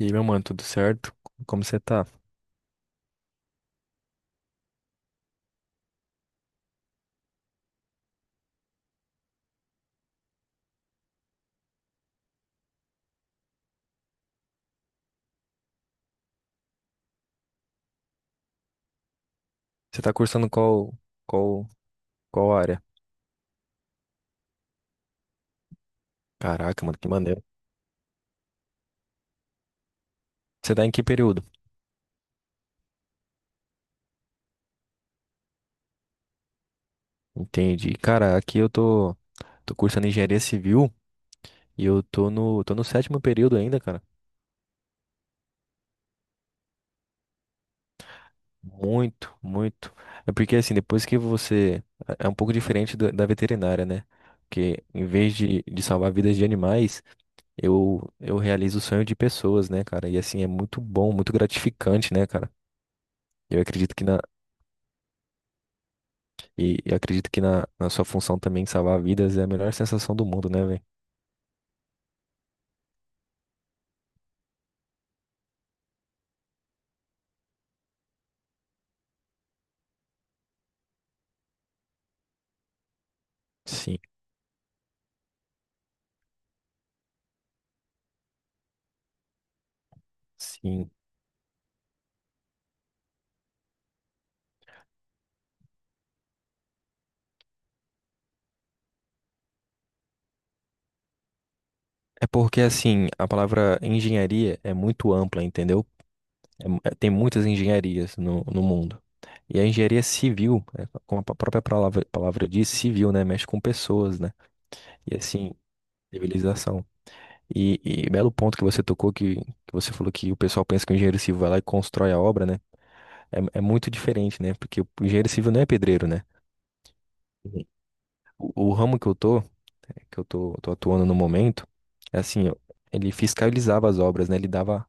E aí, meu mano, tudo certo? Como você tá? Você tá cursando qual, qual área? Caraca, mano, que maneiro. Você tá em que período? Entendi. Cara, aqui eu tô cursando engenharia civil e eu tô no sétimo período ainda, cara. Muito, muito. É porque assim, depois que você. É um pouco diferente da veterinária, né? Porque em vez de salvar vidas de animais, eu realizo o sonho de pessoas, né, cara? E assim, é muito bom, muito gratificante, né, cara? Eu acredito que na, E acredito que na sua função também salvar vidas é a melhor sensação do mundo, né, velho? Sim, sim. É porque, assim, a palavra engenharia é muito ampla, entendeu? Tem muitas engenharias no mundo. E a engenharia civil, é, como a própria palavra diz, civil, né? Mexe com pessoas, né? E, assim, civilização. E belo ponto que você tocou, que você falou que o pessoal pensa que o engenheiro civil vai lá e constrói a obra, né? É muito diferente, né? Porque o engenheiro civil não é pedreiro, né? O ramo que eu tô atuando no momento, é assim, ele fiscalizava as obras, né? Ele dava,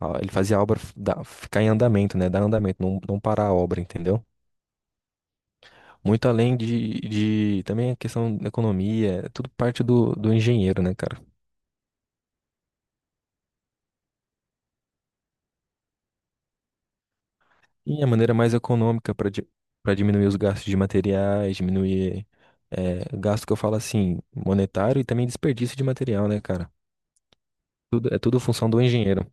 ele fazia a obra ficar em andamento, né? Dar andamento, não, não parar a obra, entendeu? Muito além de também a questão da economia, é tudo parte do engenheiro, né, cara? E a maneira mais econômica para diminuir os gastos de materiais, diminuir é, gasto que eu falo assim, monetário e também desperdício de material, né, cara? Tudo, é tudo função do engenheiro.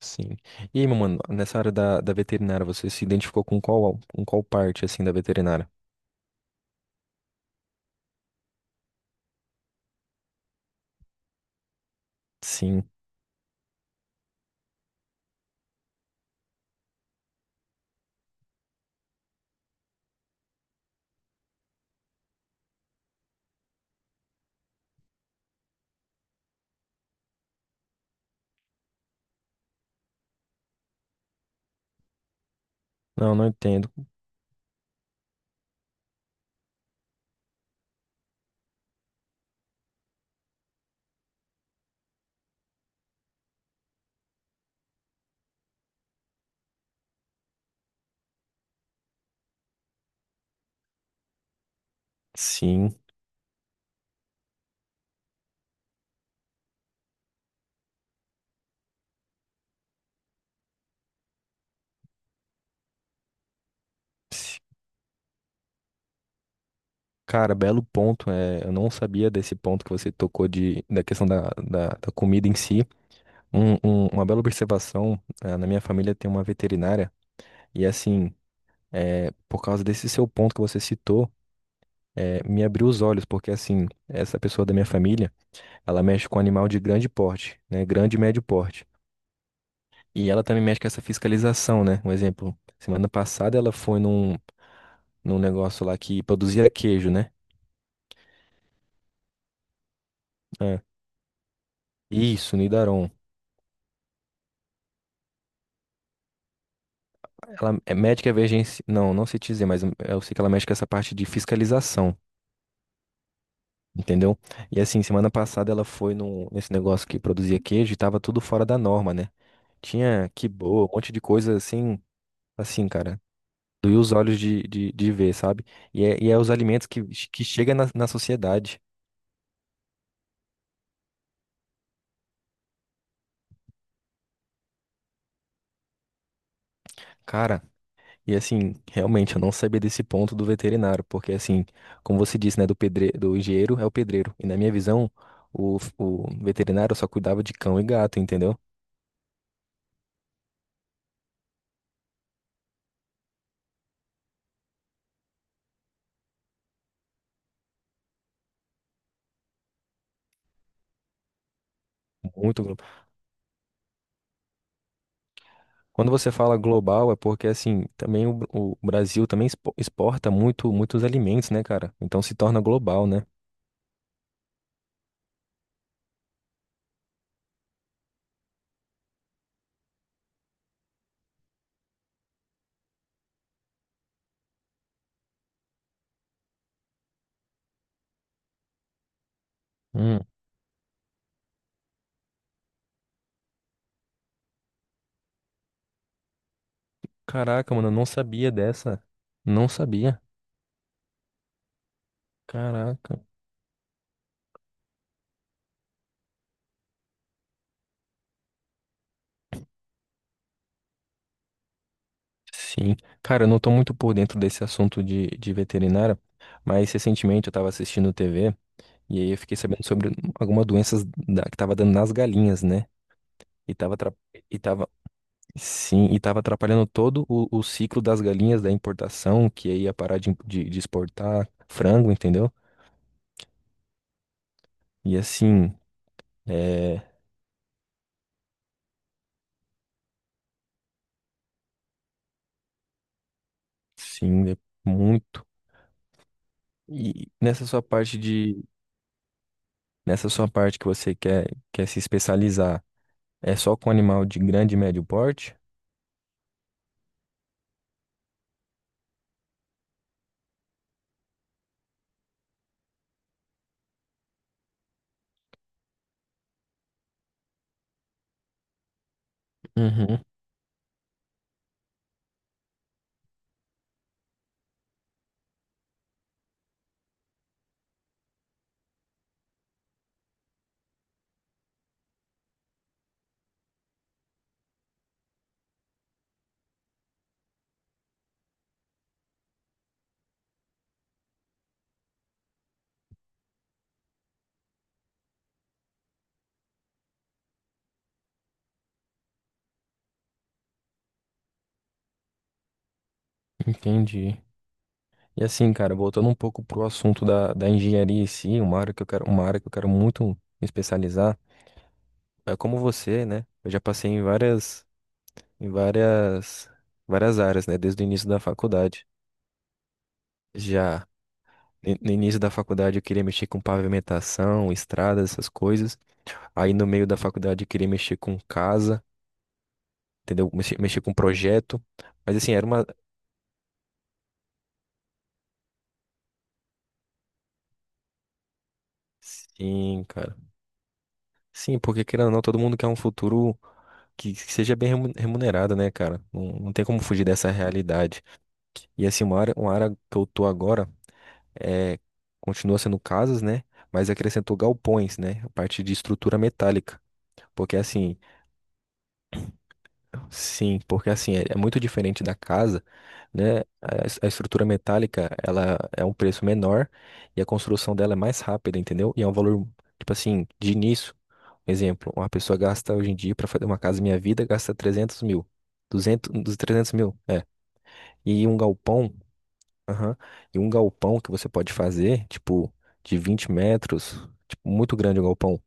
Sim. E aí, meu mano, nessa área da veterinária, você se identificou com qual parte, assim, da veterinária? Sim. Não, não entendo. Sim. Sim. Cara, belo ponto. É, eu não sabia desse ponto que você tocou da questão da comida em si. Uma bela observação. Na minha família tem uma veterinária. E, assim, é, por causa desse seu ponto que você citou, me abriu os olhos. Porque, assim, essa pessoa da minha família, ela mexe com animal de grande porte, né? Grande e médio porte. E ela também mexe com essa fiscalização, né? Um exemplo, semana passada ela foi num negócio lá que produzia queijo, né? É. Isso, Nidaron. Ela é médica emergência. Não, não sei te dizer, mas eu sei que ela mexe com essa parte de fiscalização, entendeu? E assim, semana passada ela foi nesse negócio que produzia queijo e tava tudo fora da norma, né? Tinha quibô, um monte de coisa assim, cara. Doía os olhos de ver, sabe? E é os alimentos que chegam na sociedade. Cara, e assim, realmente, eu não sabia desse ponto do veterinário, porque assim, como você disse, né, do engenheiro é o pedreiro. E na minha visão, o veterinário só cuidava de cão e gato, entendeu? Muito glo- Quando você fala global, é porque assim, também o Brasil também exporta muitos alimentos, né, cara? Então se torna global, né? Hum. Caraca, mano, eu não sabia dessa. Não sabia. Caraca. Sim. Cara, eu não tô muito por dentro desse assunto de veterinária, mas recentemente eu tava assistindo TV. E aí eu fiquei sabendo sobre algumas doenças que tava dando nas galinhas, né? E tava, atra- e tava, sim, e tava atrapalhando todo o ciclo das galinhas da importação, que aí ia parar de exportar frango, entendeu? E assim, é, sim, é muito. E nessa sua parte que você quer se especializar, é só com animal de grande e médio porte? Uhum, entendi. E assim, cara, voltando um pouco pro assunto da engenharia em si, uma área que eu quero, muito me especializar, é como você, né? Eu já passei em várias áreas, né? Desde o início da faculdade. Já no início da faculdade eu queria mexer com pavimentação, estradas, essas coisas. Aí no meio da faculdade eu queria mexer com casa, entendeu? Mexer com projeto. Mas assim, era uma. Sim, cara. Sim, porque querendo ou não, todo mundo quer um futuro que seja bem remunerado, né, cara? Não, não tem como fugir dessa realidade. E assim, uma área que eu tô agora é continua sendo casas, né? Mas acrescentou galpões, né? A parte de estrutura metálica. Porque assim, Sim. Porque assim, é muito diferente da casa, né? A estrutura metálica, ela é um preço menor e a construção dela é mais rápida, entendeu? E é um valor, tipo assim, de início. Um exemplo, uma pessoa gasta hoje em dia para fazer uma casa Minha Vida, gasta 300 mil. 200 dos 300 mil, é. E um galpão, aham, e um galpão que você pode fazer, tipo, de 20 metros, tipo, muito grande o galpão.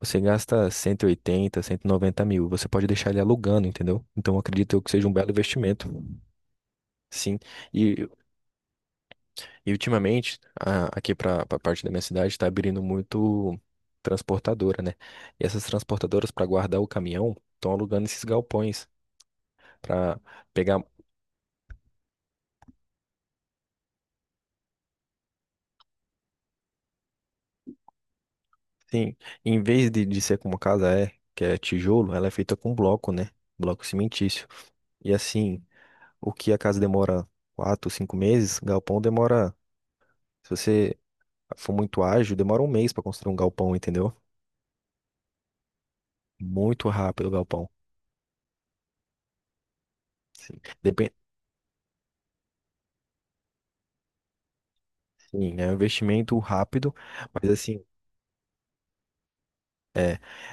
Você gasta cento e oitenta, 190 mil. Você pode deixar ele alugando, entendeu? Então, eu acredito eu que seja um belo investimento, sim. E, e ultimamente, aqui para a parte da minha cidade, está abrindo muito transportadora, né? E essas transportadoras, para guardar o caminhão, estão alugando esses galpões para pegar. Sim, em vez de ser como casa é, que é tijolo, ela é feita com bloco, né? Bloco cimentício. E assim, o que a casa demora 4, 5 meses, galpão demora. Se você foi muito ágil, demora um mês para construir um galpão, entendeu? Muito rápido o galpão. Sim. Depende. Sim, é um investimento rápido, mas assim,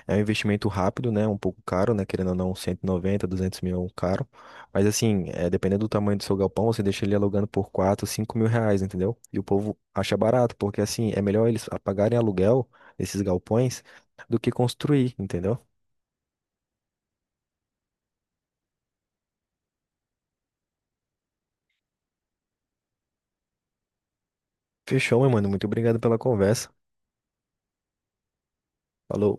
é um investimento rápido, né? Um pouco caro, né? Querendo ou não, 190 200 mil é um caro. Mas assim, é, dependendo do tamanho do seu galpão, você deixa ele alugando por 4, 5 mil reais, entendeu? E o povo acha barato, porque assim, é melhor eles pagarem aluguel, esses galpões, do que construir, entendeu? Fechou, meu mano. Muito obrigado pela conversa. Falou.